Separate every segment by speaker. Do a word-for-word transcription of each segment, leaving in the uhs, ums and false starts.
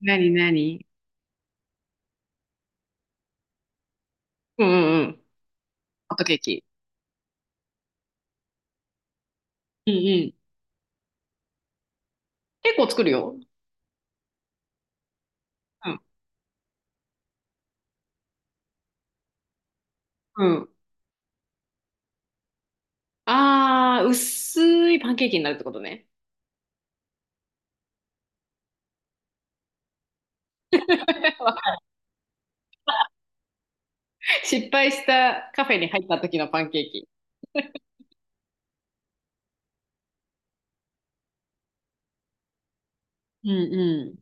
Speaker 1: なになに。うんうんうん。ホットケーキ。うんうん。結構作るよ。うん。うん。あー、薄いパンケーキになるってことね。失敗したカフェに入った時のパンケーキ。うんうん。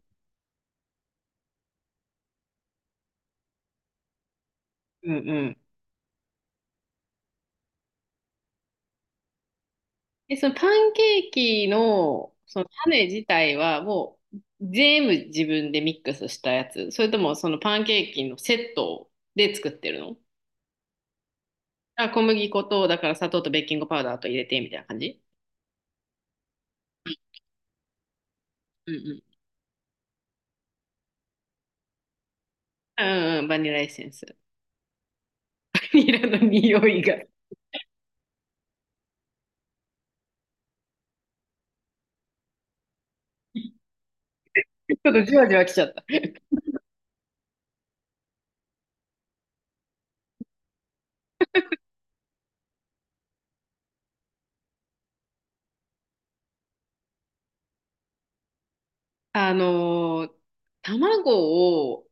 Speaker 1: うんうん。で、そのパンケーキの、その種自体はもう全部自分でミックスしたやつ。それともそのパンケーキのセットで作ってるの？あ、小麦粉と、だから砂糖とベーキングパウダーと入れてみたいな感じ？うんうんうん、バニラエッセンス。バニラの匂いが、ちょっとじわじわきちゃった。あのー卵を、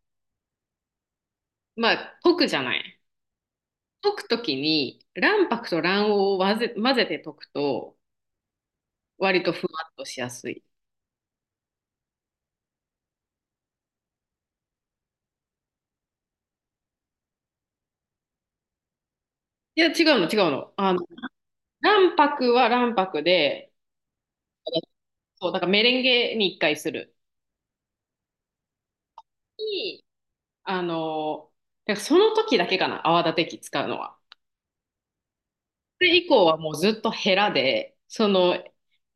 Speaker 1: まあ、溶くじゃない。溶くときに、卵白と卵黄を混ぜ、混ぜて溶くと、割とふわっとしやすい。いや、違うの、違うの。あの、卵白は卵白で、そう、だからメレンゲに一回する。に、あのーだからその時だけかな、泡立て器使うのは。それ以降はもうずっとヘラで、その、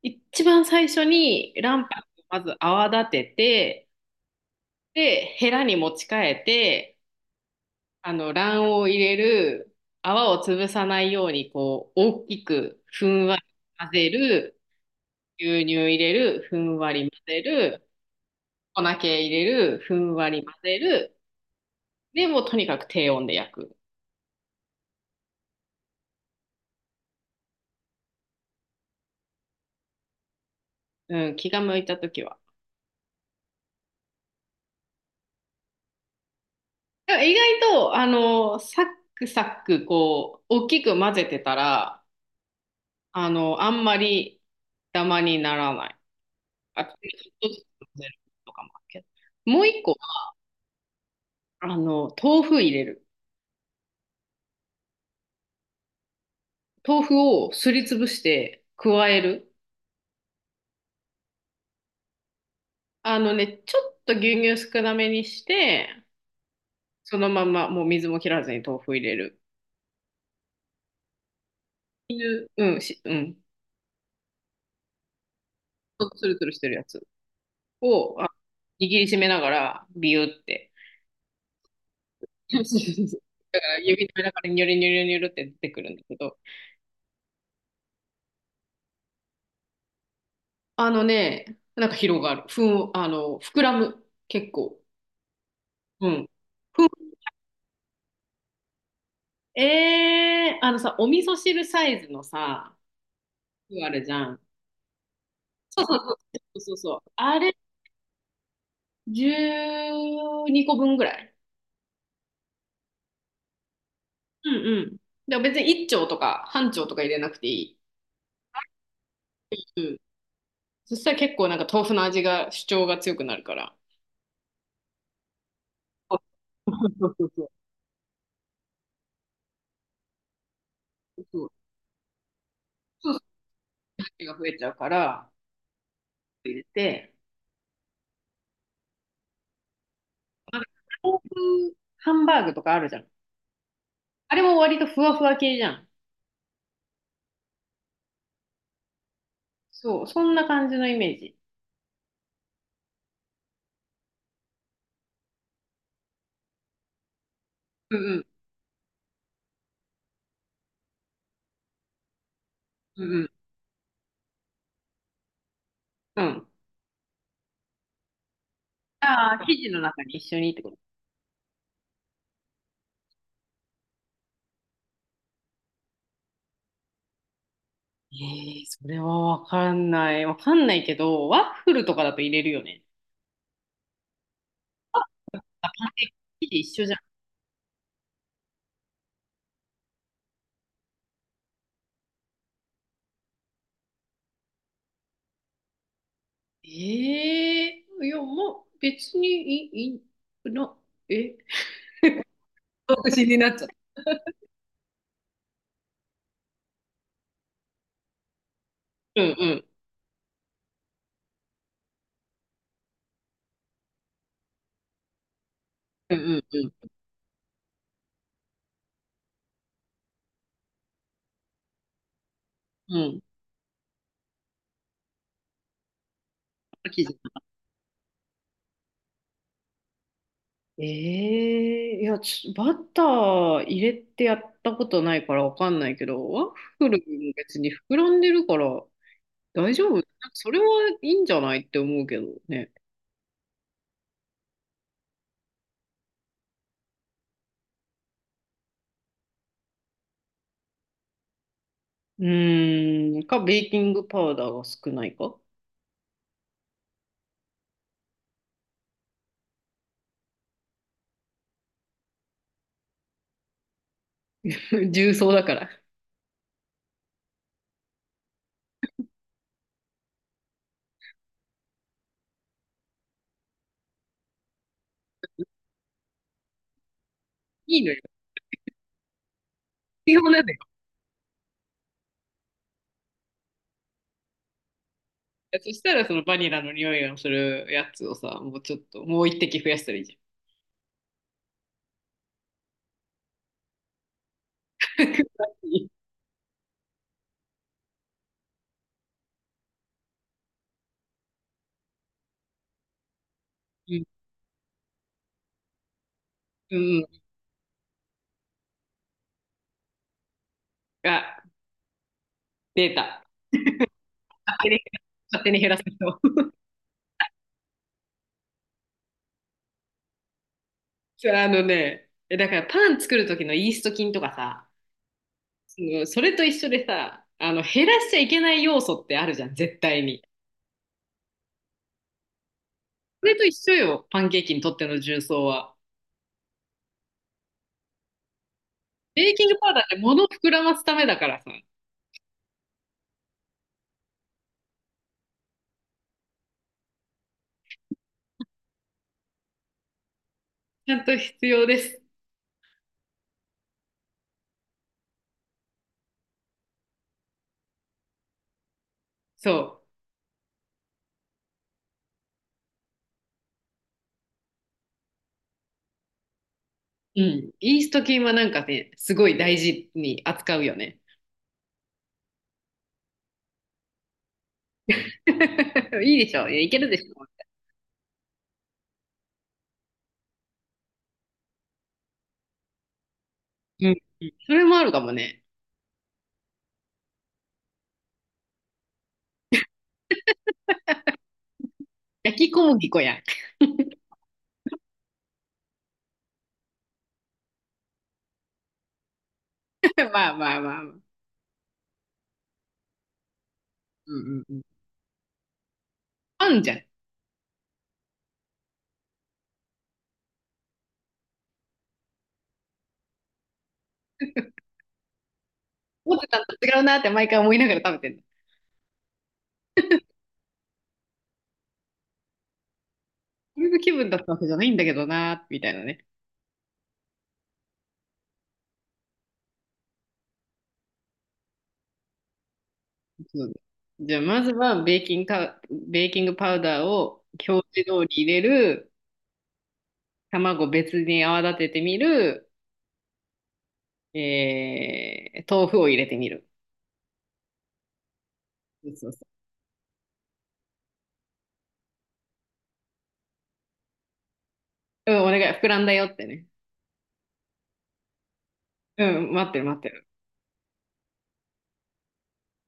Speaker 1: 一番最初に卵白をまず泡立てて、で、ヘラに持ち替えて、あの、卵黄を入れる、泡を潰さないように、こう、大きくふんわり混ぜる、牛乳入れる、ふんわり混ぜる、粉系入れる、ふんわり混ぜる、で、もうとにかく低温で焼く。うん、気が向いたときは。でも意外と、あの、サックサック、こう、大きく混ぜてたら、あの、あんまりダマにならない。あ、ちょっとずつ混ぜるとかもあるけど。もう一個、あの、豆腐入れる。豆腐をすりつぶして加える。あのね、ちょっと牛乳少なめにして、そのままもう水も切らずに豆腐入れる。いううん、し、うん。つるつるしてるやつを、あ、握りしめながら、ビューって。そうそうそう。だから指の間からニョロニョロニョロって出てくるんだけど、あのね、なんか広がる。ふん、あの、膨らむ。結構。うん。ふん、えー、あのさ、お味噌汁サイズのさ、あるじゃん。そうそうそう。そうそうそう。あれ、じゅうにこぶんぐらい。うんうん。でも別にいっちょう丁とか半丁とか入れなくていい。うん。そしたら結構なんか豆腐の味が主張が強くなるから。そうそうそうそう。そうそうそう。味が増えちゃうから、入れて、豆腐ハンバーグとかあるじゃん。あれも割とふわふわ系じゃん。そう、そんな感じのイメージ。うんうん、うんうん、うん。ああ、生地の中に一緒にってこと。ええ、それはわかんない。わかんないけど、ワッフルとかだと入れるよね。あ、パン生地一緒じゃん。ええいや、もう別にいい、いいな、え、独身になっちゃった。うんうん、うんうん、うん、うん。生地。ええいや、ちょバター入れてやったことないからわかんないけど、ワッフルも別に膨らんでるから大丈夫なんか？それはいいんじゃないって思うけどね。うーん、か、ベーキングパウダーが少ないか。 重曹だから。いいのよ。必要なのよ。そしたらそのバニラの匂いがするやつをさ、もうちょっと、もう一滴増やしたらいいじゃん。うん、うん、あ、出た。勝手に、勝手に減らす人。そう。あのね、えだからパン作る時のイースト菌とかさ、そのそれと一緒でさ、あの減らしちゃいけない要素ってあるじゃん、絶対に。それと一緒よ、パンケーキにとっての重曹は。ベーキングパウダーって物を膨らますためだからさ、ちゃんと必要です。そう。うん。イースト菌はなんかね、すごい大事に扱うよね。いいでしょ、いやいけるでしょ。うん。それもあるかもね。焼き小麦粉やん。まあまあまあまあ。うんうんうん。パンじゃん。思ってたのと違うなって毎回思いながら食べてるの。これの気分だったわけじゃないんだけどな、みたいなね。そう。じゃあ、まずはベーキングカウ、ベーキングパウダーを表示通り入れる、卵別に泡立ててみる、えー、豆腐を入れてみる。そうそうそう。うん、お願い、膨らんだよってね。うん、待ってる待ってる。